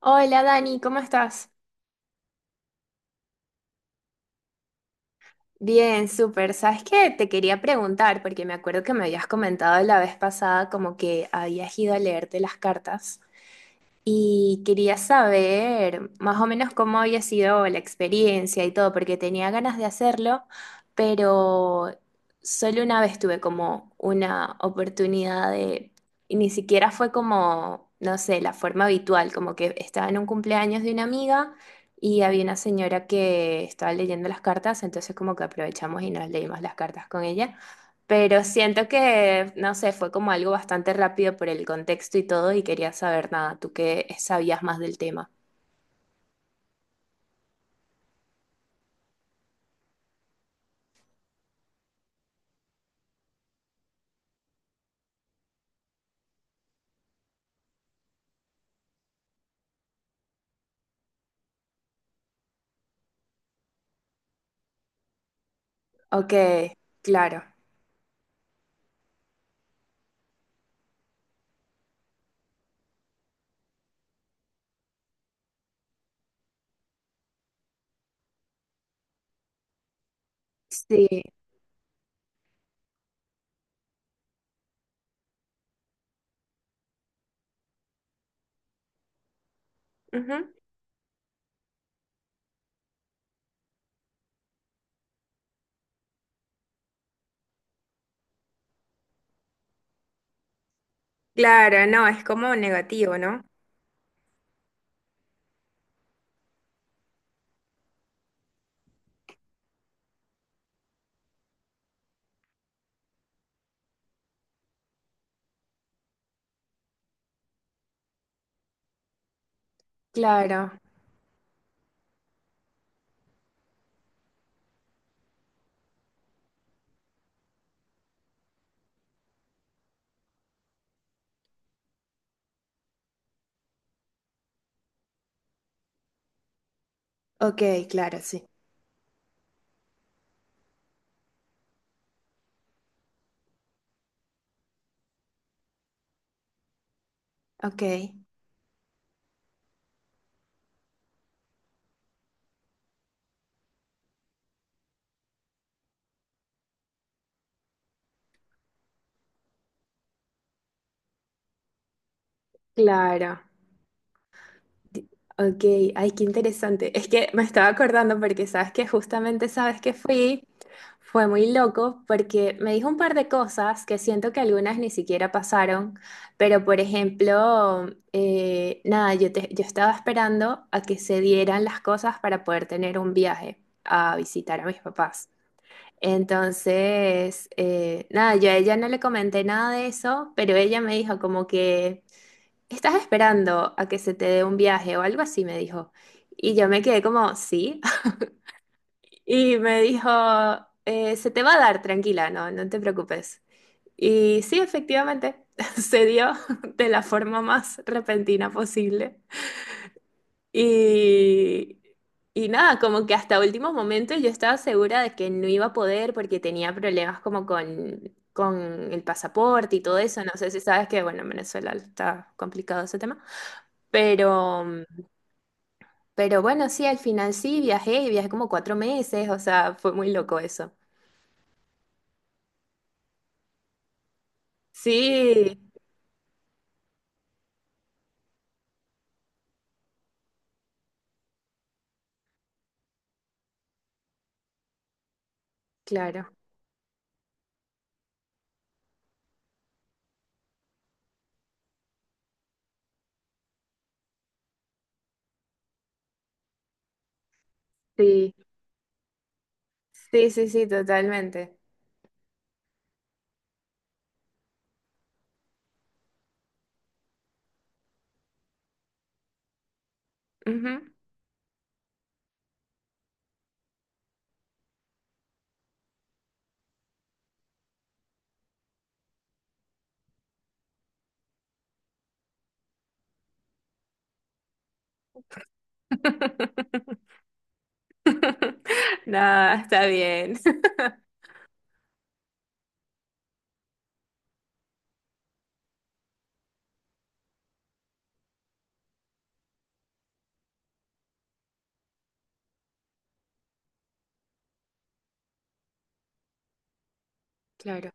Hola Dani, ¿cómo estás? Bien, súper. ¿Sabes qué? Te quería preguntar, porque me acuerdo que me habías comentado la vez pasada como que habías ido a leerte las cartas. Y quería saber más o menos cómo había sido la experiencia y todo, porque tenía ganas de hacerlo, pero solo una vez tuve como una oportunidad de, y ni siquiera fue como, no sé, la forma habitual, como que estaba en un cumpleaños de una amiga y había una señora que estaba leyendo las cartas, entonces como que aprovechamos y nos leímos las cartas con ella. Pero siento que, no sé, fue como algo bastante rápido por el contexto y todo y quería saber nada, tú que sabías más del tema. Ok, claro, sí, ujú, claro, no, es como negativo, ¿no? Claro, ok, claro, sí, ok, claro. Ok, ay, qué interesante. Es que me estaba acordando porque sabes que justamente sabes que fui, fue muy loco porque me dijo un par de cosas que siento que algunas ni siquiera pasaron, pero por ejemplo, nada, yo estaba esperando a que se dieran las cosas para poder tener un viaje a visitar a mis papás. Entonces, nada, yo a ella no le comenté nada de eso, pero ella me dijo como que... ¿Estás esperando a que se te dé un viaje o algo así? Me dijo. Y yo me quedé como, sí. Y me dijo, se te va a dar, tranquila, no, no te preocupes. Y sí, efectivamente, se dio de la forma más repentina posible. Y, y nada, como que hasta último momento yo estaba segura de que no iba a poder porque tenía problemas como con el pasaporte y todo eso. No sé si sabes que, bueno, en Venezuela está complicado ese tema. Pero... pero bueno, sí, al final sí viajé, y viajé como cuatro meses, o sea, fue muy loco eso. Sí, claro, sí, sí, sí, sí, totalmente. Ujú. Nada, está bien. Claro,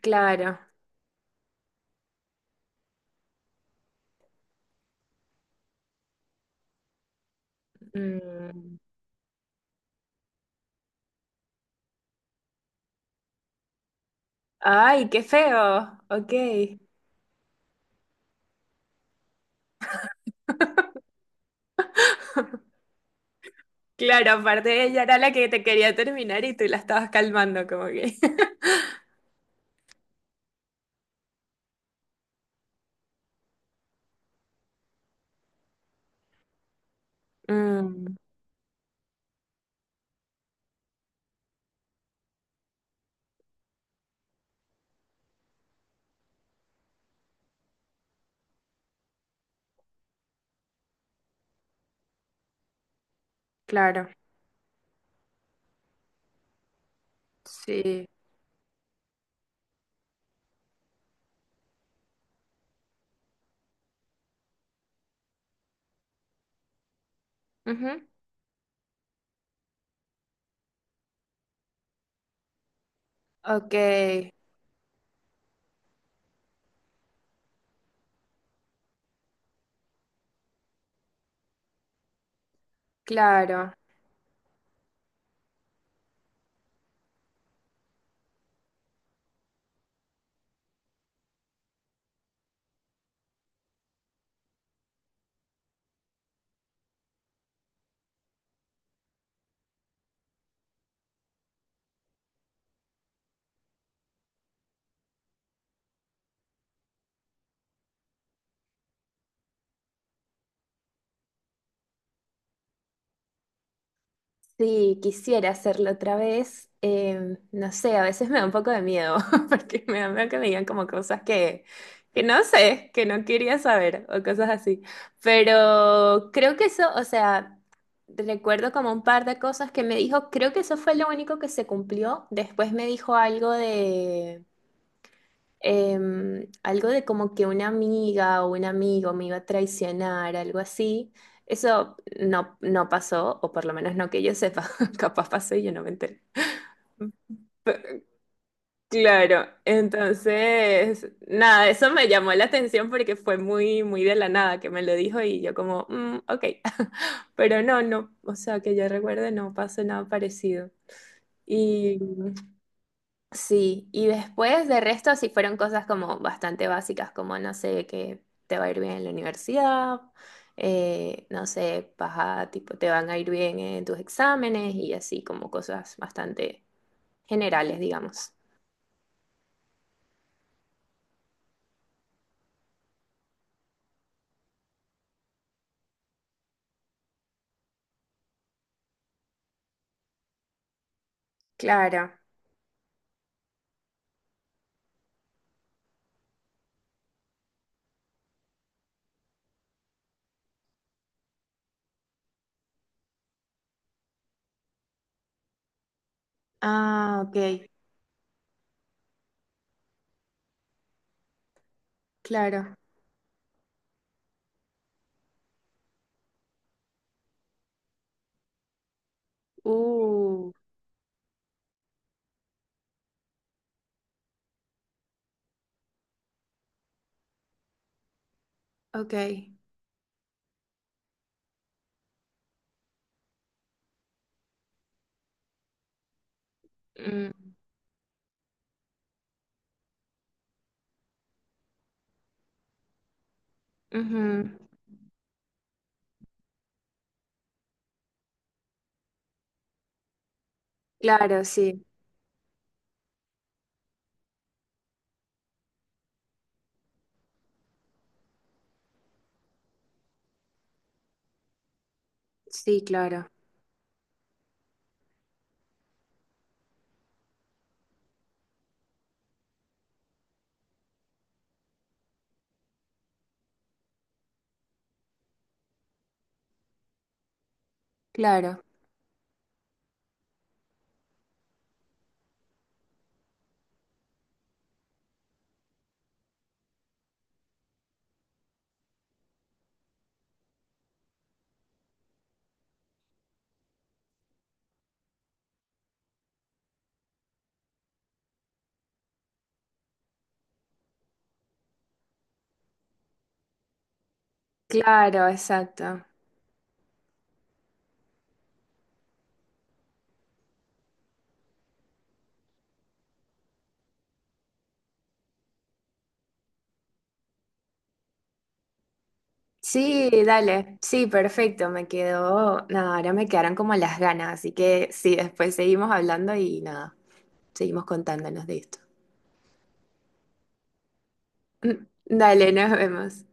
claro. Mm. Ay, qué feo. Ok. Claro, aparte ella era la que te quería terminar y tú la estabas calmando, como que. Mm, claro, sí. Ujú. Ok, claro. Sí, quisiera hacerlo otra vez. No sé, a veces me da un poco de miedo, porque me da miedo que me digan como que no sé, que no quería saber o cosas así. Pero creo que eso, o sea, recuerdo como un par de cosas que me dijo, creo que eso fue lo único que se cumplió. Después me dijo algo de algo de como que una amiga o un amigo me iba a traicionar, algo así. Eso no pasó, o por lo menos no que yo sepa, capaz pasó y yo no me enteré. Claro, entonces, nada, eso me llamó la atención porque fue muy de la nada que me lo dijo y yo como, "Mm, ok". Pero no, o sea, que yo recuerde no pasó nada parecido. Y sí, y después de resto sí fueron cosas como bastante básicas, como no sé, que te va a ir bien en la universidad, no sé, tipo, te van a ir bien en tus exámenes y así como cosas bastante generales, digamos. Claro. Ah, ok, claro. Uh, ok. Mm, ujú. Claro, sí, sí, claro, claro, claro, exacto. Sí, dale. Sí, perfecto. Me quedó. Nada, ahora me quedaron como las ganas. Así que sí, después seguimos hablando y nada, seguimos contándonos de esto. Dale, nos vemos.